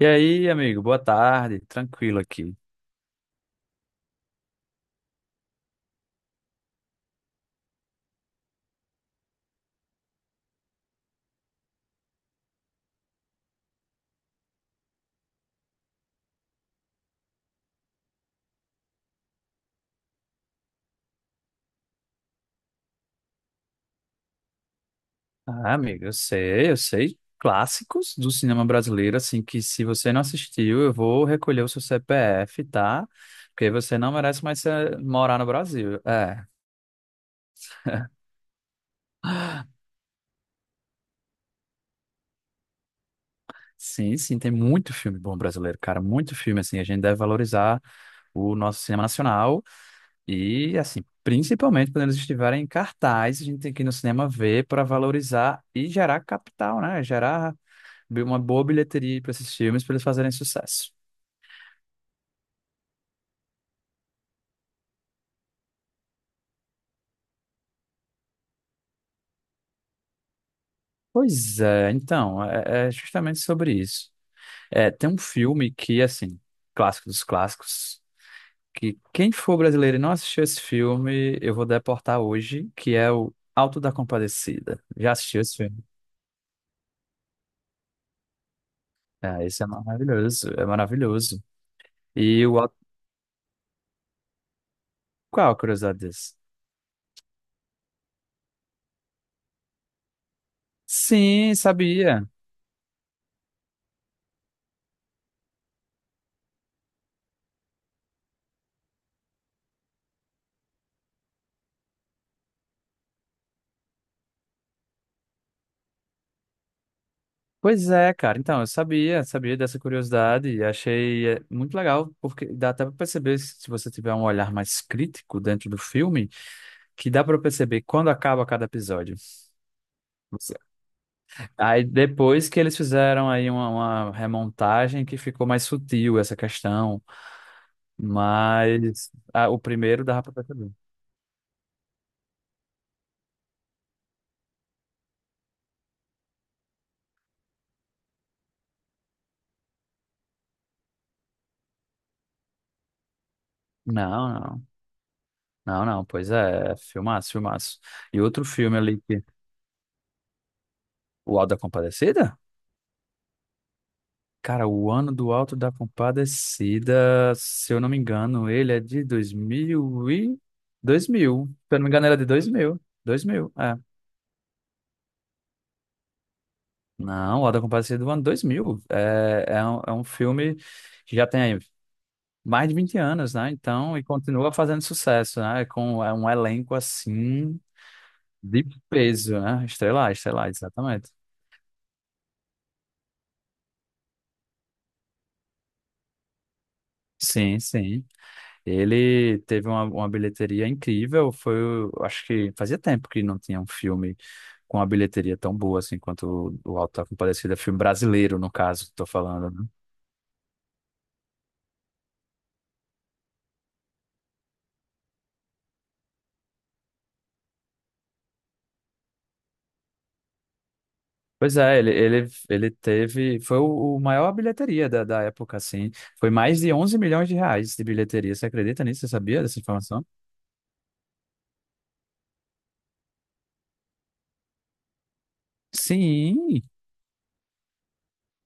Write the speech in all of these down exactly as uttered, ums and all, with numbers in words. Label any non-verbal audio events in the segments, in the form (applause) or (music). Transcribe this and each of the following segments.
E aí, amigo, boa tarde, tranquilo aqui. Ah, amigo, eu sei, eu sei clássicos do cinema brasileiro, assim, que se você não assistiu, eu vou recolher o seu C P F, tá? Porque você não merece mais ser- morar no Brasil. É, sim, sim, tem muito filme bom brasileiro, cara, muito filme, assim, a gente deve valorizar o nosso cinema nacional e, assim, principalmente quando eles estiverem em cartaz, a gente tem que ir no cinema ver para valorizar e gerar capital, né? Gerar bi- uma boa bilheteria para esses filmes para eles fazerem sucesso. Pois é, então, é, é justamente sobre isso. É, tem um filme que, assim, clássico dos clássicos, que quem for brasileiro e não assistiu esse filme, eu vou deportar hoje, que é o Alto da Compadecida. Já assistiu esse filme? É, esse é maravilhoso, é maravilhoso. E o... Alto- Qual a curiosidade desse? Sim, sabia. Pois é, cara. Então, eu sabia, sabia dessa curiosidade e achei eh, muito legal, porque dá até para perceber, se se você tiver um olhar mais crítico dentro do filme, que dá para perceber quando acaba cada episódio. Você- Aí depois que eles fizeram aí uma, uma remontagem que ficou mais sutil essa questão, mas ah, o primeiro dava para perceber. Não, não, não, não. Pois é, filmaço, filmaço. E outro filme ali, que- O Auto da Compadecida? Cara, o ano do Alto da Compadecida, se eu não me engano, ele é de dois mil e dois mil. Se eu não me engano, era de dois mil dois mil, é. Não, o Alto da Compadecida é do ano dois mil. É, é, um, é um filme que já tem aí mais de vinte anos, né? Então, e continua fazendo sucesso, né? Com é um elenco assim de peso, né? Estelar, estelar, exatamente. Sim, sim. Ele teve uma, uma bilheteria incrível, foi, o- acho que fazia tempo que não tinha um filme com uma bilheteria tão boa assim quanto o, o Auto da Compadecida, filme brasileiro, no caso, que tô falando, né? Pois é, ele, ele, ele teve, foi o, o maior bilheteria da, da época, assim, foi mais de onze milhões de reais de bilheteria, você acredita nisso? Você sabia dessa informação? Sim,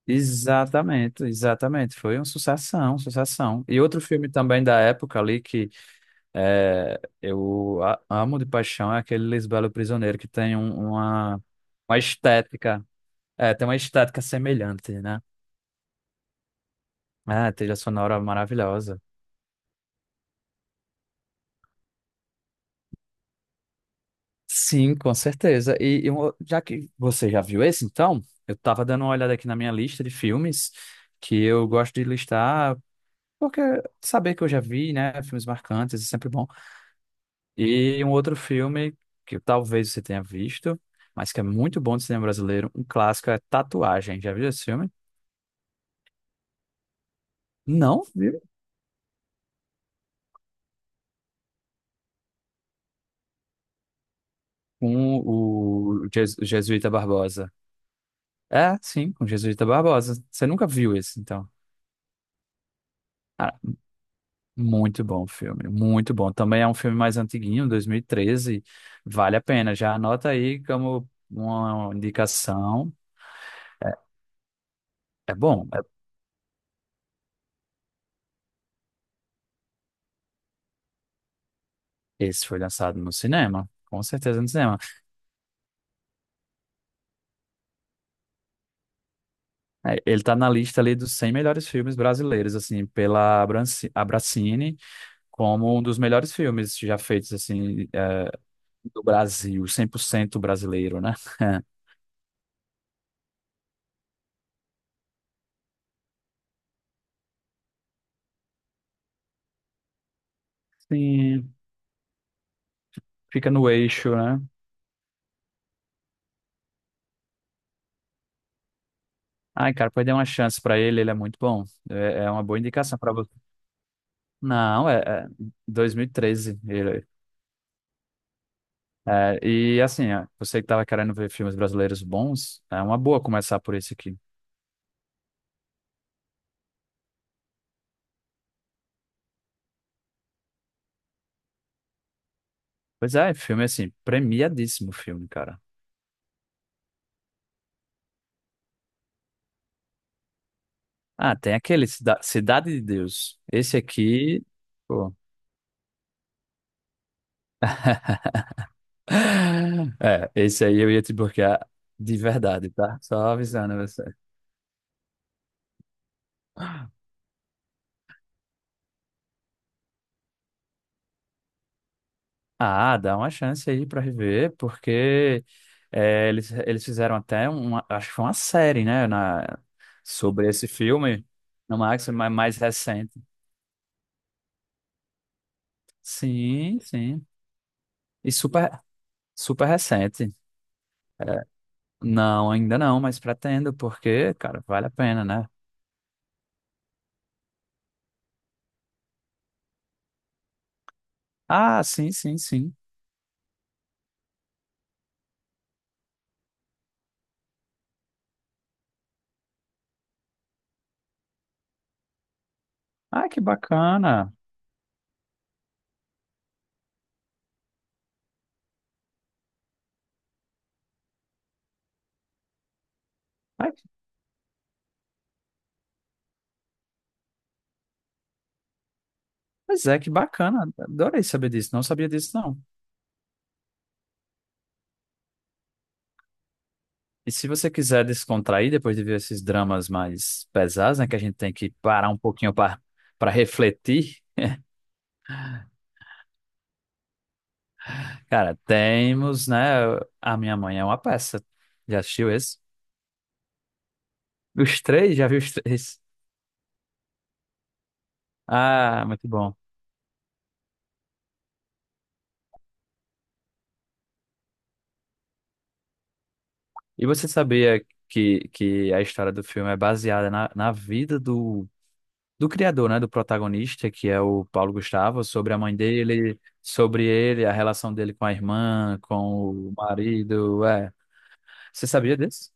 exatamente, exatamente, foi uma sucessão, sucessão. E outro filme também da época ali. É, eu a- amo de paixão é aquele Lisbelo Prisioneiro que tem um- uma, uma estética, é, tem uma estética semelhante, né? É, trilha sonora maravilhosa. Sim, com certeza. E, e um- já que você já viu esse, então, eu tava dando uma olhada aqui na minha lista de filmes que eu gosto de listar, porque saber que eu já vi, né? Filmes marcantes é sempre bom. E um outro filme que talvez você tenha visto, mas que é muito bom de cinema brasileiro, um clássico é Tatuagem. Já viu esse filme? Não, viu? Com o Jes- Jesuíta Barbosa. É, sim, com o Jesuíta Barbosa. Você nunca viu esse, então. Cara, muito bom o filme, muito bom. Também é um filme mais antiguinho, dois mil e treze. Vale a pena. Já anota aí como uma indicação. É é bom. é- Esse foi lançado no cinema, com certeza no cinema. É, ele tá na lista ali dos cem melhores filmes brasileiros, assim, pela Abranci- Abracine, como um dos melhores filmes já feitos, assim, é, do Brasil, cem por cento brasileiro, né? (laughs) Sim, fica no eixo, né? Ai, cara, pode dar uma chance pra ele, ele é muito bom. É, é uma boa indicação pra você. Não, é, é dois mil e treze. Ele, é, e assim, ó, você que tava querendo ver filmes brasileiros bons, é uma boa começar por esse aqui. Pois é, filme assim, premiadíssimo filme, cara. Ah, tem aquele Cida- Cidade de Deus. Esse aqui. Pô. (laughs) É, esse aí eu ia te bloquear de verdade, tá? Só avisando você. Ah, dá uma chance aí pra rever, porque é, eles, eles fizeram até uma, acho que foi uma série, né, na, sobre esse filme, no Max, mas mais recente. Sim, sim. E super, super recente. É, não, ainda não, mas pretendo, porque, cara, vale a pena, né? Ah, sim, sim, sim. Ah, que bacana. Ah, pois é, que bacana. Adorei saber disso. Não sabia disso, não. E se você quiser descontrair depois de ver esses dramas mais pesados, né, que a gente tem que parar um pouquinho para para refletir, cara, temos, né? A Minha Mãe é uma peça. Já assistiu esse? Os três? Já viu os três? Ah, muito bom. E você sabia que, que a história do filme é baseada na, na vida do do criador, né, do protagonista, que é o Paulo Gustavo, sobre a mãe dele, sobre ele, a relação dele com a irmã, com o marido, é. Você sabia disso?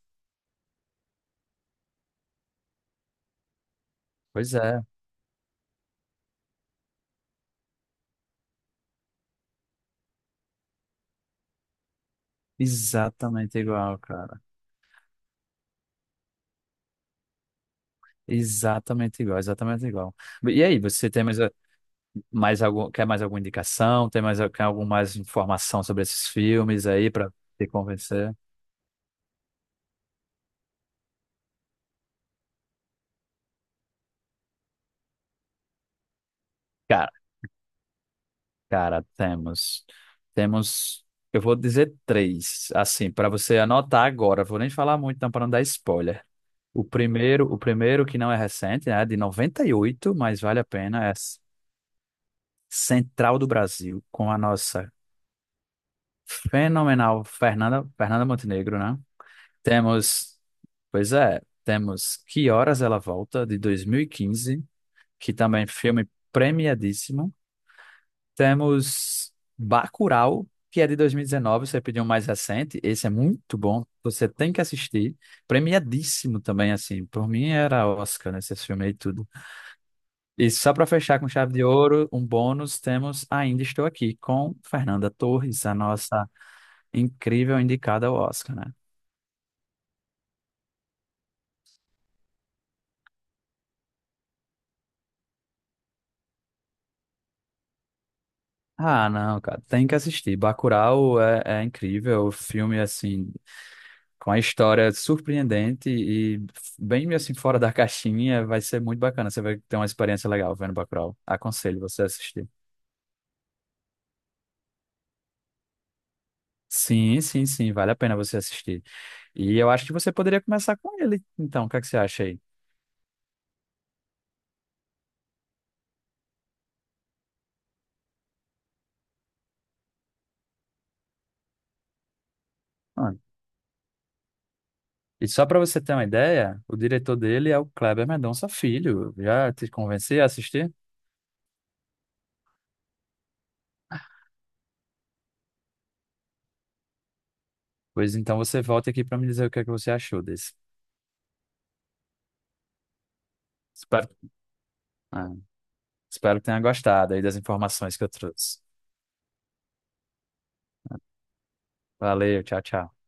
Pois é, exatamente igual, cara. Exatamente igual, exatamente igual. E aí, você tem mais, mais algum, quer mais alguma indicação? Tem mais, quer alguma mais informação sobre esses filmes aí para te convencer? Cara, temos. Temos. Eu vou dizer três, assim, para você anotar agora. Vou nem falar muito, não, para não dar spoiler. O primeiro, o primeiro que não é recente, né, é de noventa e oito, mas vale a pena, é S- Central do Brasil, com a nossa fenomenal Fernanda, Fernanda Montenegro, né? Temos, pois é, temos Que Horas Ela Volta, de dois mil e quinze, que também é filme premiadíssimo. Temos Bacurau, que é de dois mil e dezenove, você pediu um mais recente. Esse é muito bom, você tem que assistir. Premiadíssimo também, assim. Por mim era Oscar, né? Esse filme e tudo. E só para fechar com chave de ouro, um bônus, temos Ainda Estou Aqui com Fernanda Torres, a nossa incrível indicada ao Oscar, né? Ah, não, cara, tem que assistir. Bacurau é, é incrível, o filme, assim, com a história surpreendente e bem assim fora da (laughs) caixinha, vai ser muito bacana. Você vai ter uma experiência legal vendo Bacurau. Aconselho você a assistir. Sim, sim, sim, vale a pena você assistir. E eu acho que você poderia começar com ele, então, o que é que você acha aí? Mano, e só para você ter uma ideia, o diretor dele é o Kleber Mendonça Filho. Já te convenci a assistir? Pois então você volta aqui para me dizer o que é que você achou desse. Espero, ah, Espero que tenha gostado aí das informações que eu trouxe. Valeu, tchau, tchau.